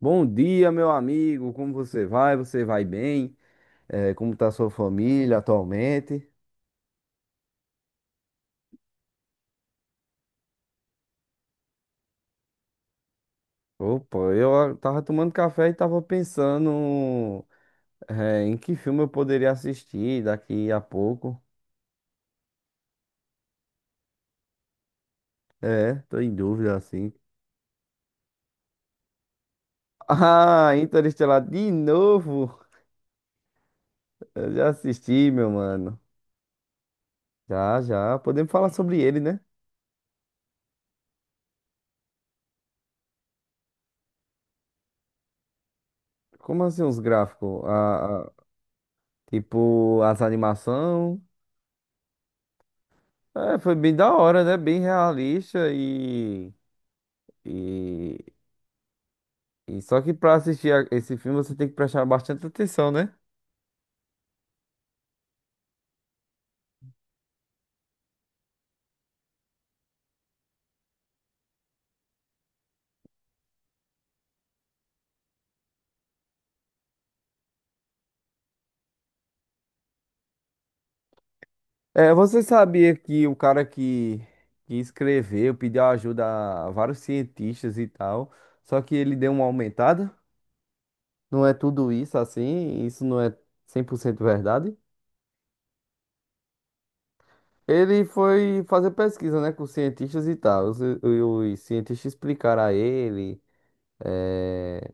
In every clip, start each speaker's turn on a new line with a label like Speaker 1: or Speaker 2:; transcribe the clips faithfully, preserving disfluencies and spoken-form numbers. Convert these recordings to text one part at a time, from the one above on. Speaker 1: Bom dia, meu amigo. Como você vai? Você vai bem? Eh, como está sua família atualmente? Opa, eu ah, tava tomando café e tava pensando, eh, em que filme eu poderia assistir daqui a pouco. É, tô em dúvida assim. Ah, Interestelar de novo. Eu já assisti, meu mano. Já, já. Podemos falar sobre ele, né? Como assim os gráficos? Ah, ah, tipo, as animações. É, foi bem da hora, né? Bem realista e E, e só que pra assistir a- esse filme você tem que prestar bastante atenção, né? É, você sabia que o cara que, que escreveu pediu ajuda a vários cientistas e tal, só que ele deu uma aumentada? Não é tudo isso assim, isso não é cem por cento verdade. Ele foi fazer pesquisa, né, com cientistas e tal. Os, os cientistas explicaram a ele eh,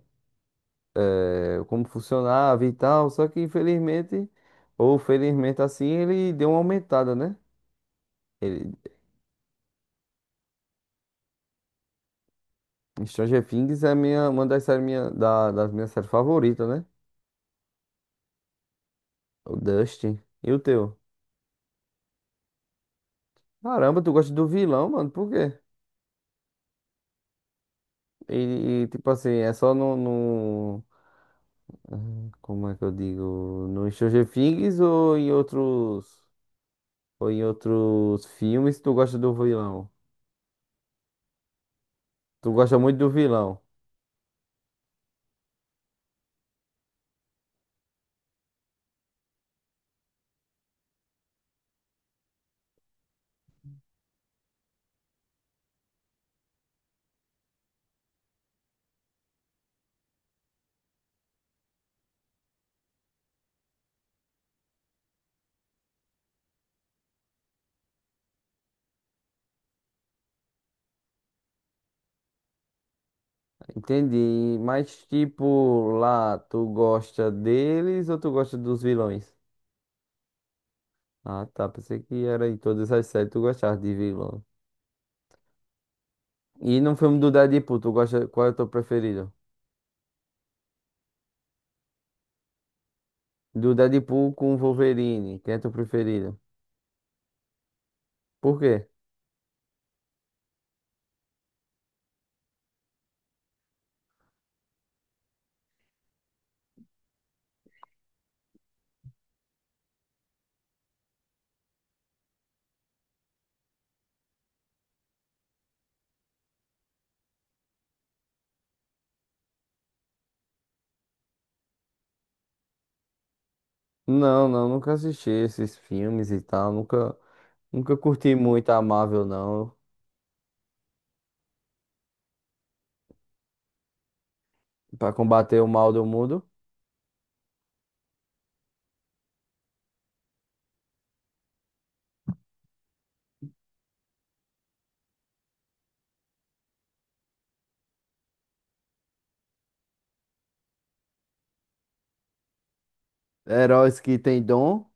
Speaker 1: eh, como funcionava e tal. Só que infelizmente, ou felizmente assim, ele deu uma aumentada, né? Stranger Things é minha, uma das séries minha, da, das minhas séries favoritas, né? O Dustin. E o teu? Caramba, tu gosta do vilão, mano, por quê? E, e, tipo assim, é só no, no. Como é que eu digo? No Stranger Things ou em outros. Ou em outros filmes tu gosta do vilão? Tu gosta muito do vilão. Entendi. Mas, tipo, lá, tu gosta deles ou tu gosta dos vilões? Ah, tá. Pensei que era em todas as séries tu gostava de vilão. E no filme do Deadpool, tu gosta, qual é o teu preferido? Do Deadpool com o Wolverine, quem é teu preferido? Por quê? Não, não, nunca assisti esses filmes e tal, nunca, nunca curti muito a Marvel, não. Pra combater o mal do mundo. Heróis que têm dom,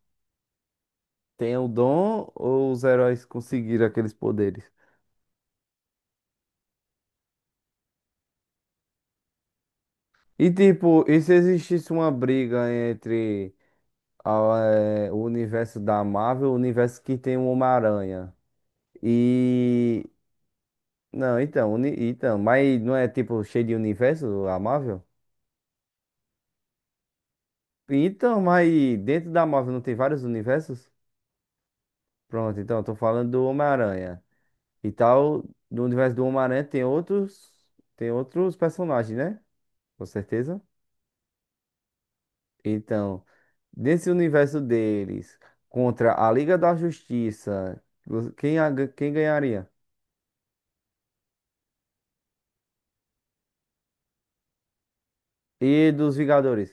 Speaker 1: têm o dom ou os heróis conseguiram aqueles poderes? E tipo, e se existisse uma briga entre a, eh, o universo da Marvel, o universo que tem o Homem-Aranha? E. Não, então, uni- então, mas não é tipo cheio de universo a Marvel? Então, mas dentro da Marvel não tem vários universos? Pronto, então, eu tô falando do Homem-Aranha. E tal, do universo do Homem-Aranha tem outros. Tem outros personagens, né? Com certeza. Então, nesse universo deles, contra a Liga da Justiça, vo- quem, a- quem ganharia? E dos Vingadores?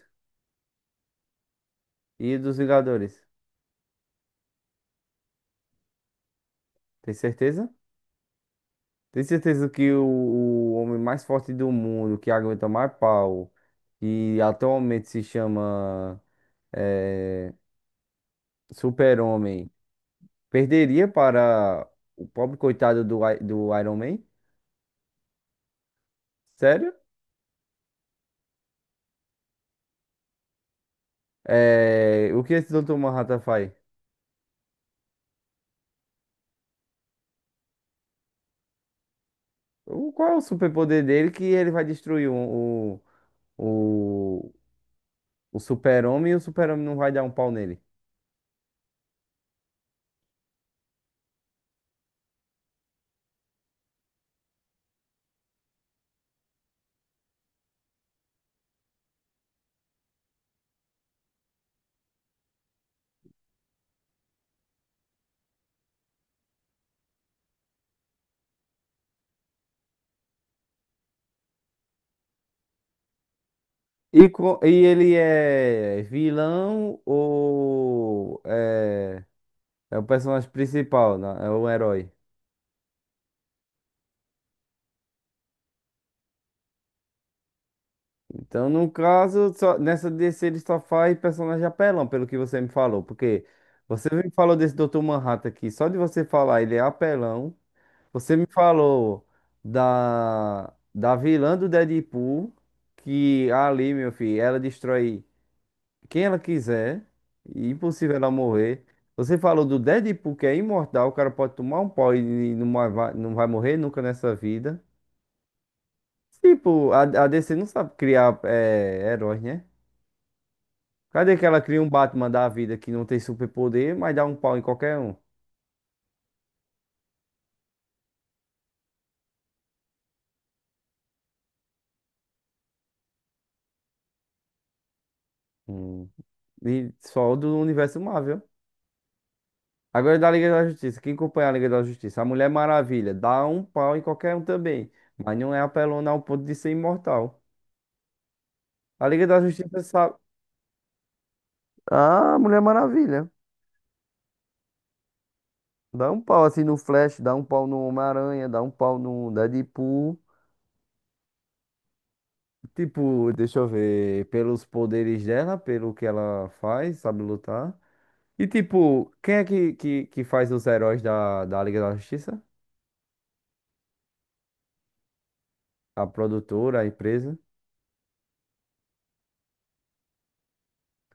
Speaker 1: E dos Vingadores? Tem certeza? Tem certeza que o, o homem mais forte do mundo, que aguenta mais pau, e atualmente se chama eh, Super-Homem, perderia para o pobre coitado do, I- do Iron Man? Sério? Eh, o que esse doutor Manhattan faz? O, qual é o superpoder dele que ele vai destruir o, o, o, o super-homem e o super-homem não vai dar um pau nele? E, co- e ele é vilão ou é, é o personagem principal, né? É o herói. Então, no caso, só, nessa D C ele só faz personagem apelão, pelo que você me falou. Porque você me falou desse doutor Manhattan aqui, só de você falar ele é apelão. Você me falou da, da vilã do Deadpool, que ali, meu filho, ela destrói quem ela quiser, e impossível ela morrer. Você falou do Deadpool, que é imortal, o cara pode tomar um pau e não vai, não vai morrer nunca nessa vida. Tipo, a, a D C não sabe criar é, heróis, né? Cadê que ela cria um Batman da vida que não tem superpoder, mas dá um pau em qualquer um? Hum. E só do universo Marvel. Agora da Liga da Justiça. Quem acompanha a Liga da Justiça? A Mulher Maravilha. Dá um pau em qualquer um também. Mas não é apelona ao ponto de ser imortal. A Liga da Justiça sabe. Ah, Mulher Maravilha. Dá um pau assim no Flash, dá um pau no Homem-Aranha, dá um pau no Deadpool. Tipo, deixa eu ver, pelos poderes dela, pelo que ela faz, sabe lutar. E tipo, quem é que, que, que faz os heróis da, da Liga da Justiça? A produtora, a empresa?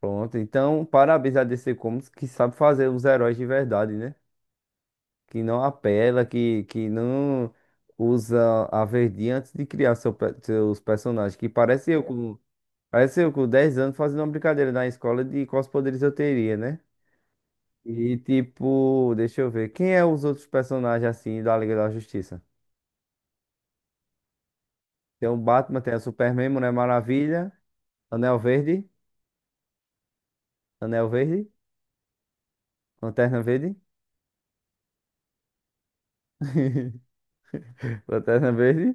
Speaker 1: Pronto, então parabéns a D C Comics que sabe fazer os heróis de verdade, né? Que não apela, que, que não usa a verdinha antes de criar seu, pe- seus personagens. Que parece eu com, parece eu com dez anos fazendo uma brincadeira na escola de quais poderes eu teria, né? E tipo, deixa eu ver, quem é os outros personagens assim da Liga da Justiça? Tem o Batman, tem o Superman, Mulher Maravilha, Anel Verde, Anel Verde, Lanterna Verde, Lanterna Verde?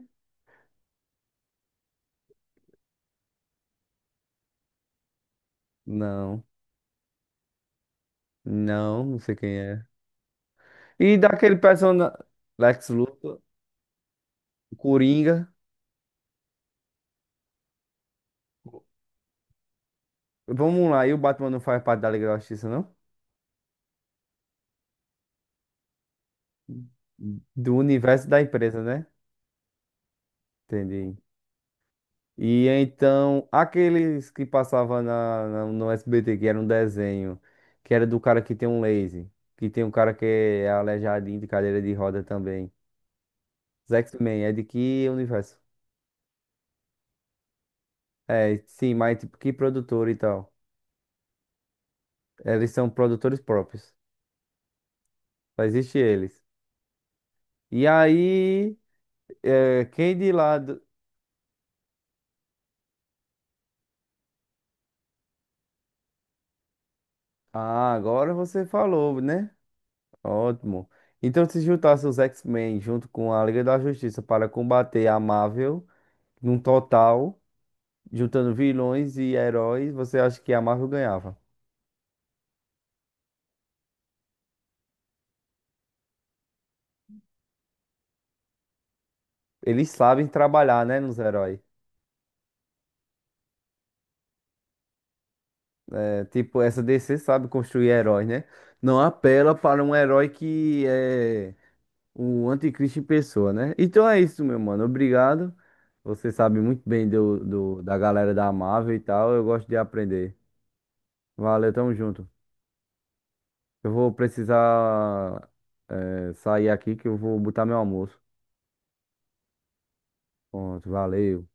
Speaker 1: Não. Não, não sei quem é. E daquele personagem. Lex Luthor, Coringa. Vamos lá, e o Batman não faz parte da Liga da Justiça, não? Do universo da empresa, né? Entendi. E então, aqueles que passavam na, na- no S B T, que era um desenho, que era do cara que tem um laser, que tem um cara que é aleijadinho de cadeira de roda também. Os X-Men, é de que universo? É, sim, mas tipo, que produtor e tal? Eles são produtores próprios. Só existe eles. E aí. É, quem de lado. Ah, agora você falou, né? Ótimo. Então, se juntasse os X-Men junto com a Liga da Justiça para combater a Marvel, num total, juntando vilões e heróis, você acha que a Marvel ganhava? Eles sabem trabalhar, né, nos heróis. É, tipo, essa D C sabe construir heróis, né? Não apela para um herói que é. O anticristo em pessoa, né? Então é isso, meu mano. Obrigado. Você sabe muito bem do, do- da galera da Marvel e tal. Eu gosto de aprender. Valeu, tamo junto. Eu vou precisar, eh, sair aqui que eu vou botar meu almoço. Pronto, valeu.